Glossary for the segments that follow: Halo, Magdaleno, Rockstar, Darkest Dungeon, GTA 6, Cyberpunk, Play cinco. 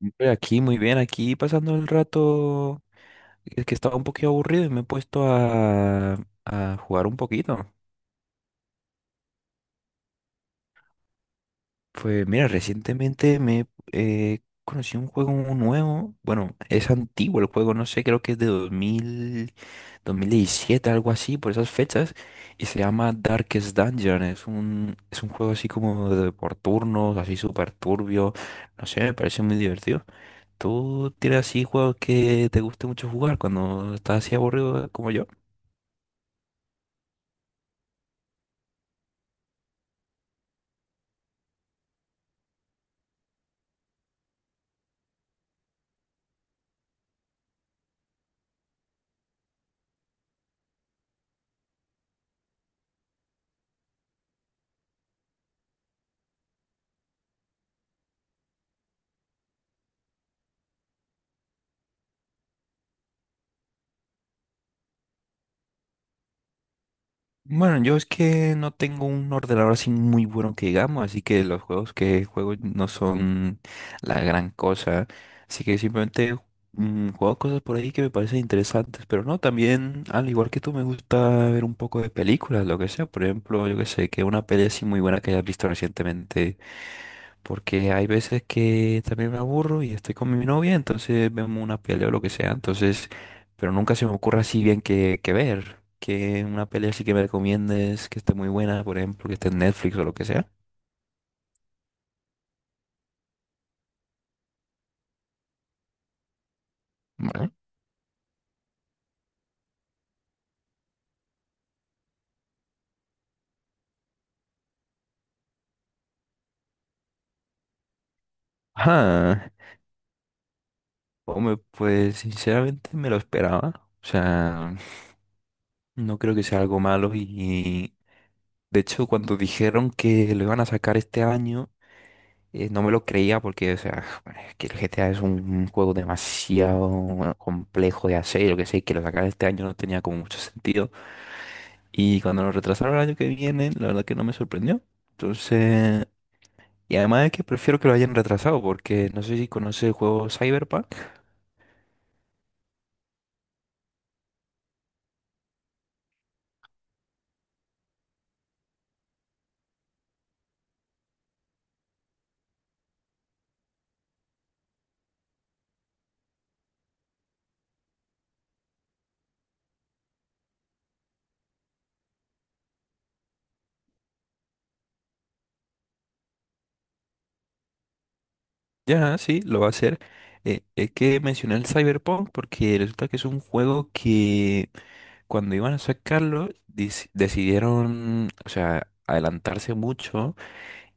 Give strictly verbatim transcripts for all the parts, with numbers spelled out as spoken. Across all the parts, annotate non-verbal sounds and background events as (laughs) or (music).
Hombre, aquí, muy bien, aquí pasando el rato, es que estaba un poquito aburrido y me he puesto a, a jugar un poquito. Pues mira, recientemente me eh, conocí un juego nuevo, bueno, es antiguo el juego, no sé, creo que es de dos mil, dos mil diecisiete, algo así, por esas fechas, y se llama Darkest Dungeon, es un, es un juego así como de por turnos, así súper turbio, no sé, me parece muy divertido. ¿Tú tienes así juegos que te guste mucho jugar cuando estás así aburrido como yo? Bueno, yo es que no tengo un ordenador así muy bueno que digamos, así que los juegos que juego no son la gran cosa. Así que simplemente mm, juego cosas por ahí que me parecen interesantes. Pero no, también, al igual que tú, me gusta ver un poco de películas, lo que sea. Por ejemplo, yo que sé, que una peli así muy buena que hayas visto recientemente. Porque hay veces que también me aburro y estoy con mi novia, entonces vemos una pelea o lo que sea. Entonces, pero nunca se me ocurre así bien que, que ver. Que una pelea así que me recomiendes, que esté muy buena, por ejemplo, que esté en Netflix o lo que sea. Vale. Ajá. Hombre, pues sinceramente me lo esperaba. O sea, no creo que sea algo malo. Y de hecho, cuando dijeron que lo iban a sacar este año. Eh, no me lo creía porque, o sea, (sighs) es que el G T A es un juego demasiado bueno, complejo de hacer, yo que sé, que lo sacaran este año no tenía como mucho sentido. Y cuando lo retrasaron el año que viene, la verdad que no me sorprendió. Entonces, y además es que prefiero que lo hayan retrasado porque no sé si conoce el juego Cyberpunk. Ya, sí, lo va a hacer. Eh, es que mencioné el Cyberpunk porque resulta que es un juego que cuando iban a sacarlo, dis- decidieron, o sea, adelantarse mucho.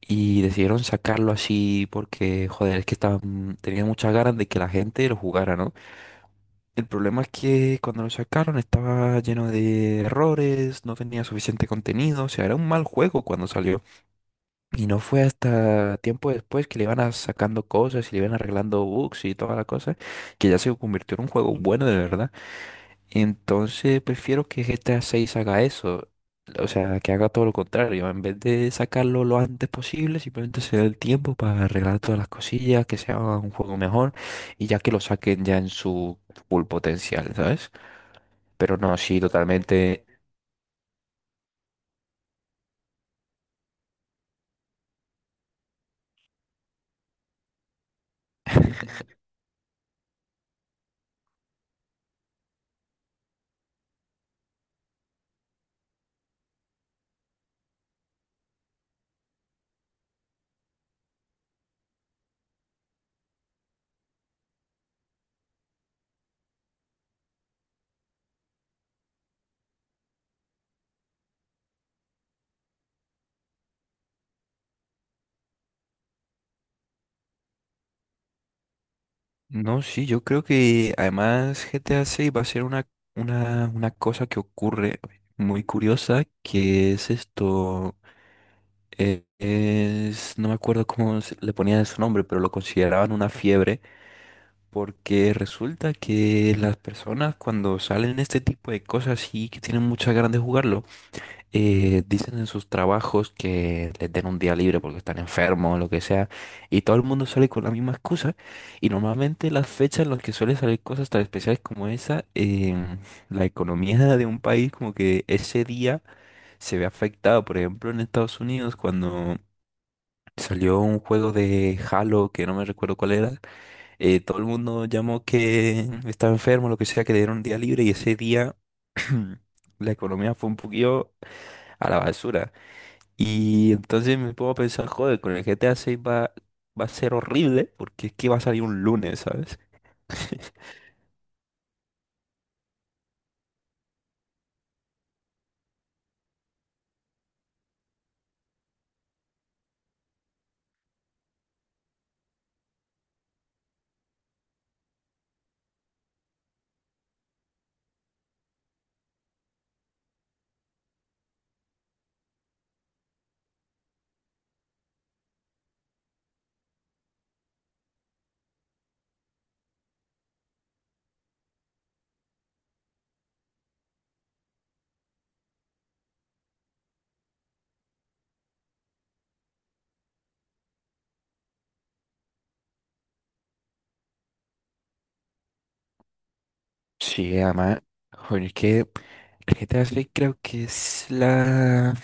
Y decidieron sacarlo así porque, joder, es que estaban, tenían muchas ganas de que la gente lo jugara, ¿no? El problema es que cuando lo sacaron estaba lleno de errores, no tenía suficiente contenido, o sea, era un mal juego cuando salió. Y no fue hasta tiempo después que le iban a sacando cosas y le iban arreglando bugs y toda la cosa, que ya se convirtió en un juego bueno de verdad. Entonces prefiero que G T A seis haga eso. O sea, que haga todo lo contrario. En vez de sacarlo lo antes posible, simplemente se dé el tiempo para arreglar todas las cosillas, que sea un juego mejor y ya que lo saquen ya en su full potencial, ¿sabes? Pero no, sí, totalmente. No, sí, yo creo que además G T A seis va a ser una, una, una cosa que ocurre muy curiosa, que es esto. eh, es, no me acuerdo cómo se- le ponían su nombre, pero lo consideraban una fiebre porque resulta que las personas cuando salen este tipo de cosas y que tienen muchas ganas de jugarlo, eh, dicen en sus trabajos que les den un día libre porque están enfermos o lo que sea, y todo el mundo sale con la misma excusa. Y normalmente las fechas en las que suelen salir cosas tan especiales como esa, em, la economía de un país como que ese día se ve afectado. Por ejemplo, en Estados Unidos, cuando salió un juego de Halo que no me recuerdo cuál era. eh, todo el mundo llamó que estaba enfermo, lo que sea, que le dieron un día libre y ese día (clears throat) la economía fue un poquillo a la basura. Y entonces me pongo a pensar, joder, con el G T A seis va, va a ser horrible porque es que va a salir un lunes, ¿sabes? (laughs) Sí, además, joder, es que el G T A seis creo que es la...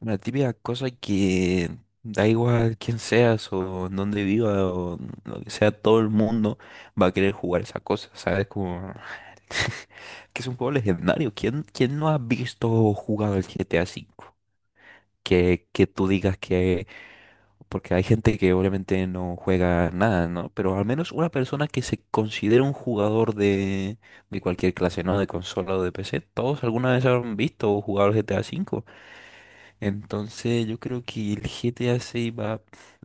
Una típica cosa que da igual quién seas o en dónde viva o lo que sea, todo el mundo va a querer jugar esa cosa, ¿sabes? Como (laughs) que es un juego legendario. ¿Quién, quién no ha visto o jugado el G T A V? Que, que tú digas que... Porque hay gente que obviamente no juega nada, ¿no? Pero al menos una persona que se considera un jugador de, de cualquier clase, ¿no? De consola o de P C, todos alguna vez han visto o jugado el G T A V. Entonces yo creo que el G T A seis va,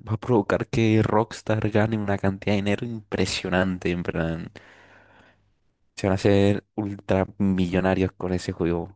va a provocar que Rockstar gane una cantidad de dinero impresionante, en plan. Se van a hacer ultramillonarios con ese juego.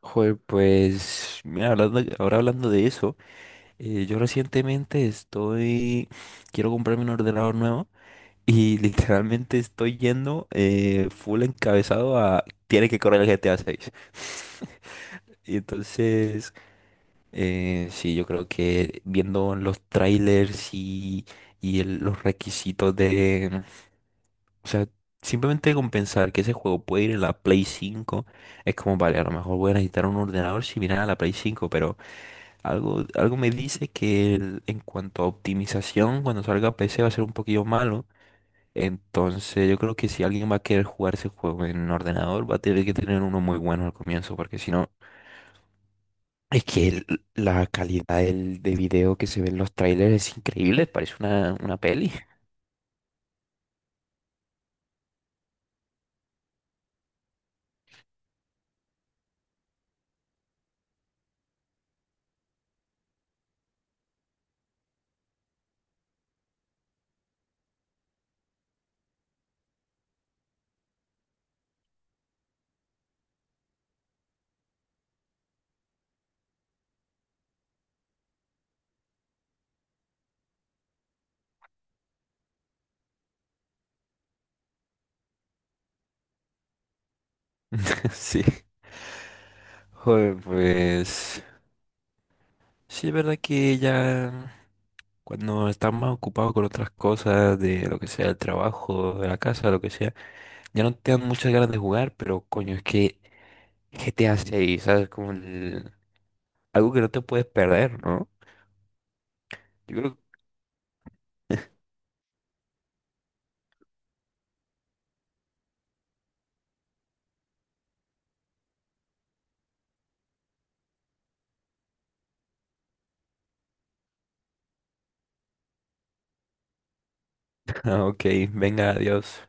Joder, pues, mira, hablando, ahora hablando de eso, eh, yo recientemente estoy, quiero comprarme un ordenador nuevo y (laughs) literalmente estoy yendo eh, full encabezado a, tiene que correr el G T A seis. (laughs) Y entonces, Eh, sí, yo creo que viendo los trailers y, y el- los requisitos de... O sea, simplemente con pensar que ese juego puede ir en la Play cinco, es como, vale, a lo mejor voy a necesitar un ordenador similar a la Play cinco, pero algo, algo me dice que el- en cuanto a optimización, cuando salga P C va a ser un poquillo malo. Entonces yo creo que si alguien va a querer jugar ese juego en ordenador, va a tener que tener uno muy bueno al comienzo, porque si no... Es que el- la calidad del, de video que se ve en los trailers es increíble, parece una, una peli. (laughs) Sí. Joder, pues sí, es verdad que ya cuando estás más ocupado con otras cosas, de lo que sea, el trabajo, de la casa, lo que sea, ya no te dan muchas ganas de jugar, pero coño, es que G T A seis, ¿sabes? Como el- algo que no te puedes perder, ¿no? Yo creo que... (laughs) Ah, ok, venga, adiós.